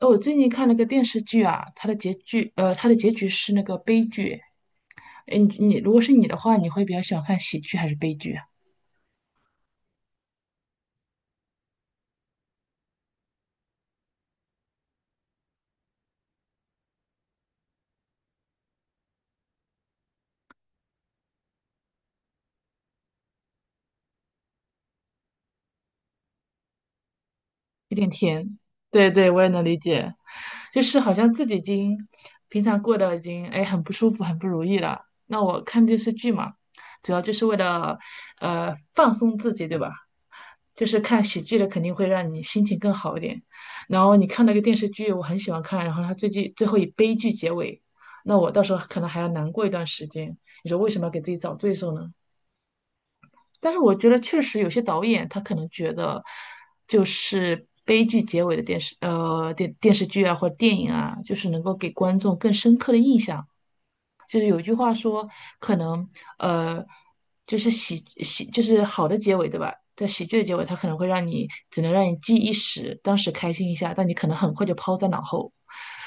哦，我最近看了个电视剧啊，它的结局，它的结局是那个悲剧。诶你如果是你的话，你会比较喜欢看喜剧还是悲剧啊？有点甜。对对，我也能理解。就是好像自己已经平常过得已经哎很不舒服、很不如意了。那我看电视剧嘛，主要就是为了放松自己，对吧？就是看喜剧的肯定会让你心情更好一点。然后你看那个电视剧，我很喜欢看，然后它最近最后以悲剧结尾，那我到时候可能还要难过一段时间。你说为什么要给自己找罪受呢？但是我觉得确实有些导演他可能觉得，就是悲剧结尾的电视电视剧啊或者电影啊，就是能够给观众更深刻的印象。就是有一句话说，可能呃就是喜就是好的结尾对吧？在喜剧的结尾，他可能会让你只能让你记一时，当时开心一下，但你可能很快就抛在脑后。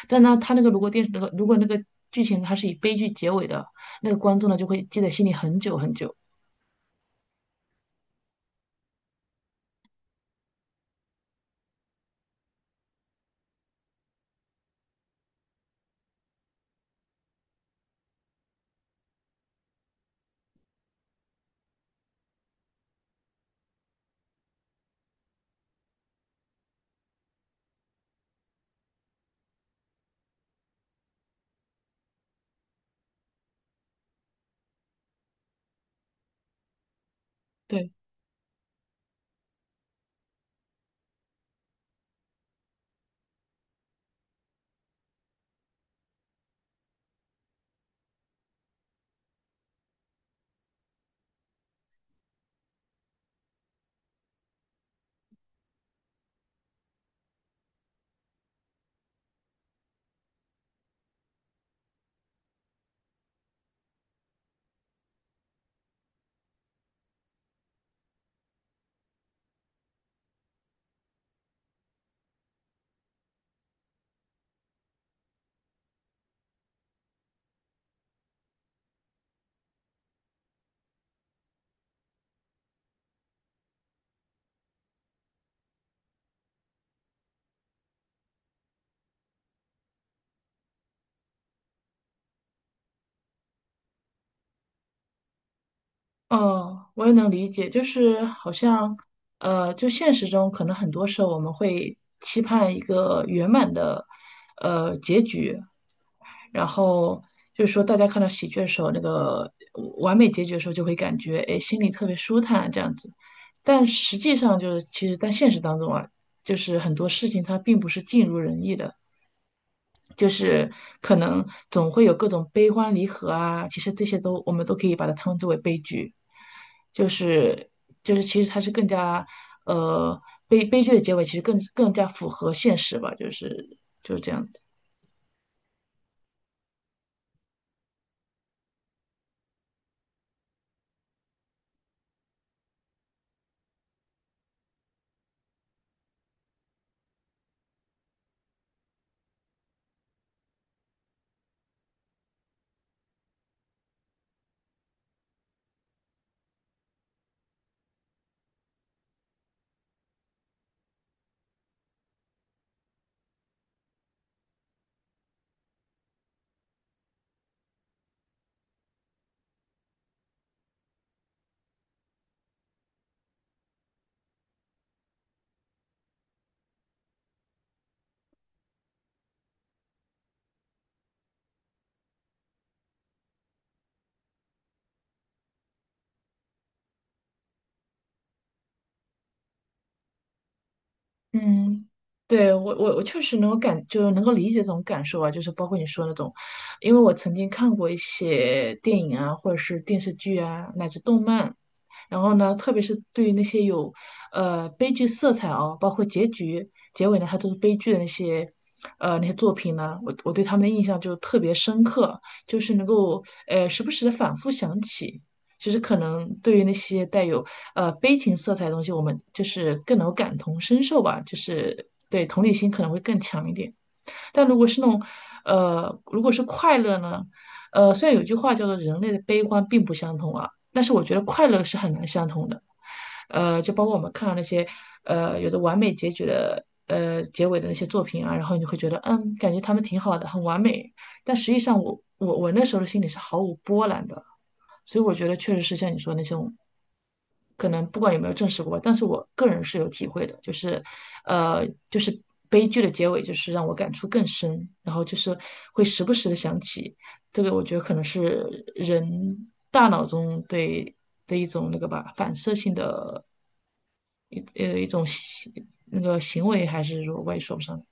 但呢，他那个如果电视那个如果那个剧情它是以悲剧结尾的，那个观众呢就会记在心里很久很久。对。哦，我也能理解，就是好像，呃，就现实中可能很多时候我们会期盼一个圆满的，呃，结局，然后就是说大家看到喜剧的时候，那个完美结局的时候，就会感觉哎心里特别舒坦这样子，但实际上就是其实在现实当中啊，就是很多事情它并不是尽如人意的，就是可能总会有各种悲欢离合啊，其实这些都我们都可以把它称之为悲剧。就是就是其实它是更加呃悲剧的结尾，其实更加符合现实吧，就是这样子。嗯，对，我确实能够感，就是能够理解这种感受啊，就是包括你说那种，因为我曾经看过一些电影啊，或者是电视剧啊，乃至动漫，然后呢，特别是对于那些有悲剧色彩哦，包括结局、结尾呢，它都是悲剧的那些那些作品呢，我对他们的印象就特别深刻，就是能够时不时的反复想起。其实可能对于那些带有悲情色彩的东西，我们就是更能够感同身受吧，就是对同理心可能会更强一点。但如果是那种，如果是快乐呢，虽然有句话叫做人类的悲欢并不相同啊，但是我觉得快乐是很难相同的。就包括我们看到那些有着完美结局的结尾的那些作品啊，然后你会觉得嗯，感觉他们挺好的，很完美，但实际上我那时候的心里是毫无波澜的。所以我觉得确实是像你说的那种，可能不管有没有证实过，但是我个人是有体会的，就是，就是悲剧的结尾，就是让我感触更深，然后就是会时不时的想起这个，我觉得可能是人大脑中对的一种那个吧，反射性的一种行为，还是说我也说不上，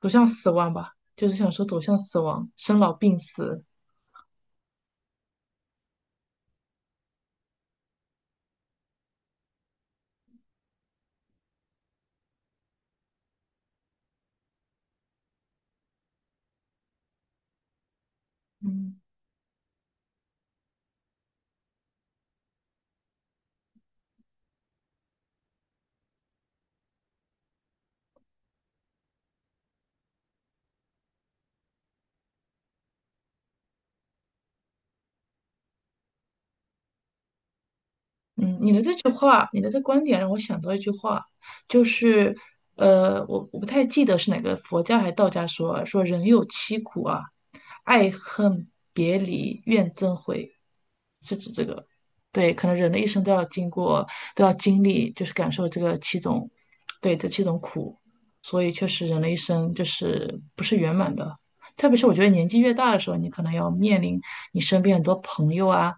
走向死亡吧，就是想说走向死亡，生老病死。嗯，你的这句话，你的这观点让我想到一句话，就是，我不太记得是哪个佛家还是道家说啊说人有七苦啊，爱恨别离怨憎会，是指这个。对，可能人的一生都要经过，都要经历，就是感受这个七种，对，这七种苦，所以确实人的一生就是不是圆满的。特别是我觉得年纪越大的时候，你可能要面临你身边很多朋友啊。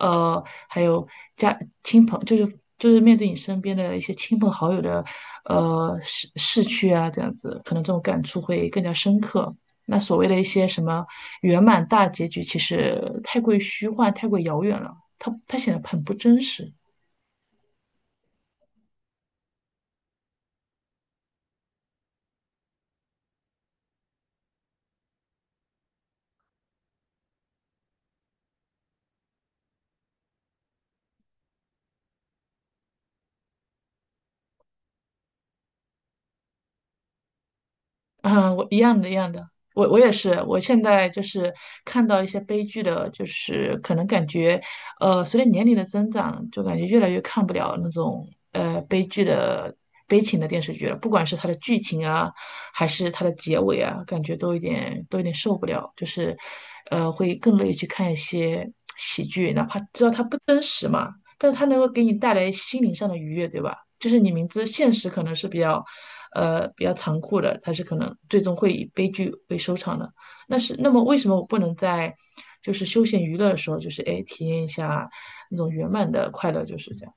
呃，还有家亲朋，就是就是面对你身边的一些亲朋好友的，呃，逝去啊，这样子，可能这种感触会更加深刻。那所谓的一些什么圆满大结局，其实太过于虚幻，太过于遥远了，它显得很不真实。嗯，我一样的，一样的，我也是，我现在就是看到一些悲剧的，就是可能感觉，随着年龄的增长，就感觉越来越看不了那种悲剧的悲情的电视剧了，不管是它的剧情啊，还是它的结尾啊，感觉都有点受不了，就是，会更乐意去看一些喜剧，哪怕知道它不真实嘛，但是它能够给你带来心灵上的愉悦，对吧？就是你明知现实可能是比较，比较残酷的，它是可能最终会以悲剧为收场的。那是，那么为什么我不能在就是休闲娱乐的时候，就是哎体验一下那种圆满的快乐，就是这样。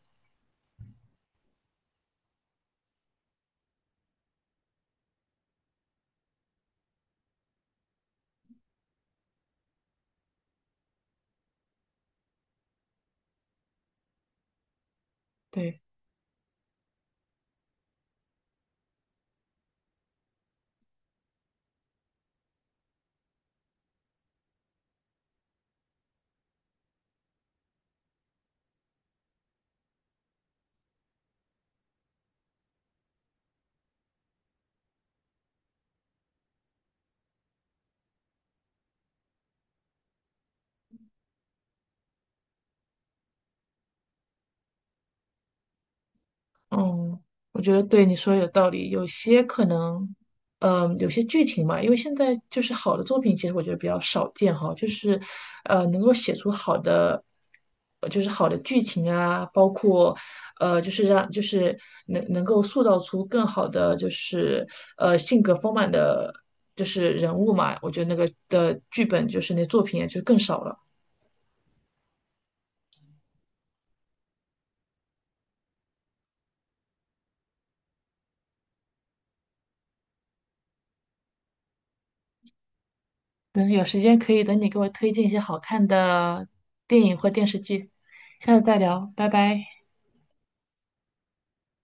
对。嗯，我觉得对你说的有道理。有些可能，嗯，有些剧情嘛，因为现在就是好的作品，其实我觉得比较少见哈，就是，能够写出好的，就是好的剧情啊，包括，就是让就是能够塑造出更好的就是性格丰满的，就是人物嘛。我觉得那个的剧本就是那作品也就更少了。等有时间可以等你给我推荐一些好看的电影或电视剧，下次再聊，拜拜。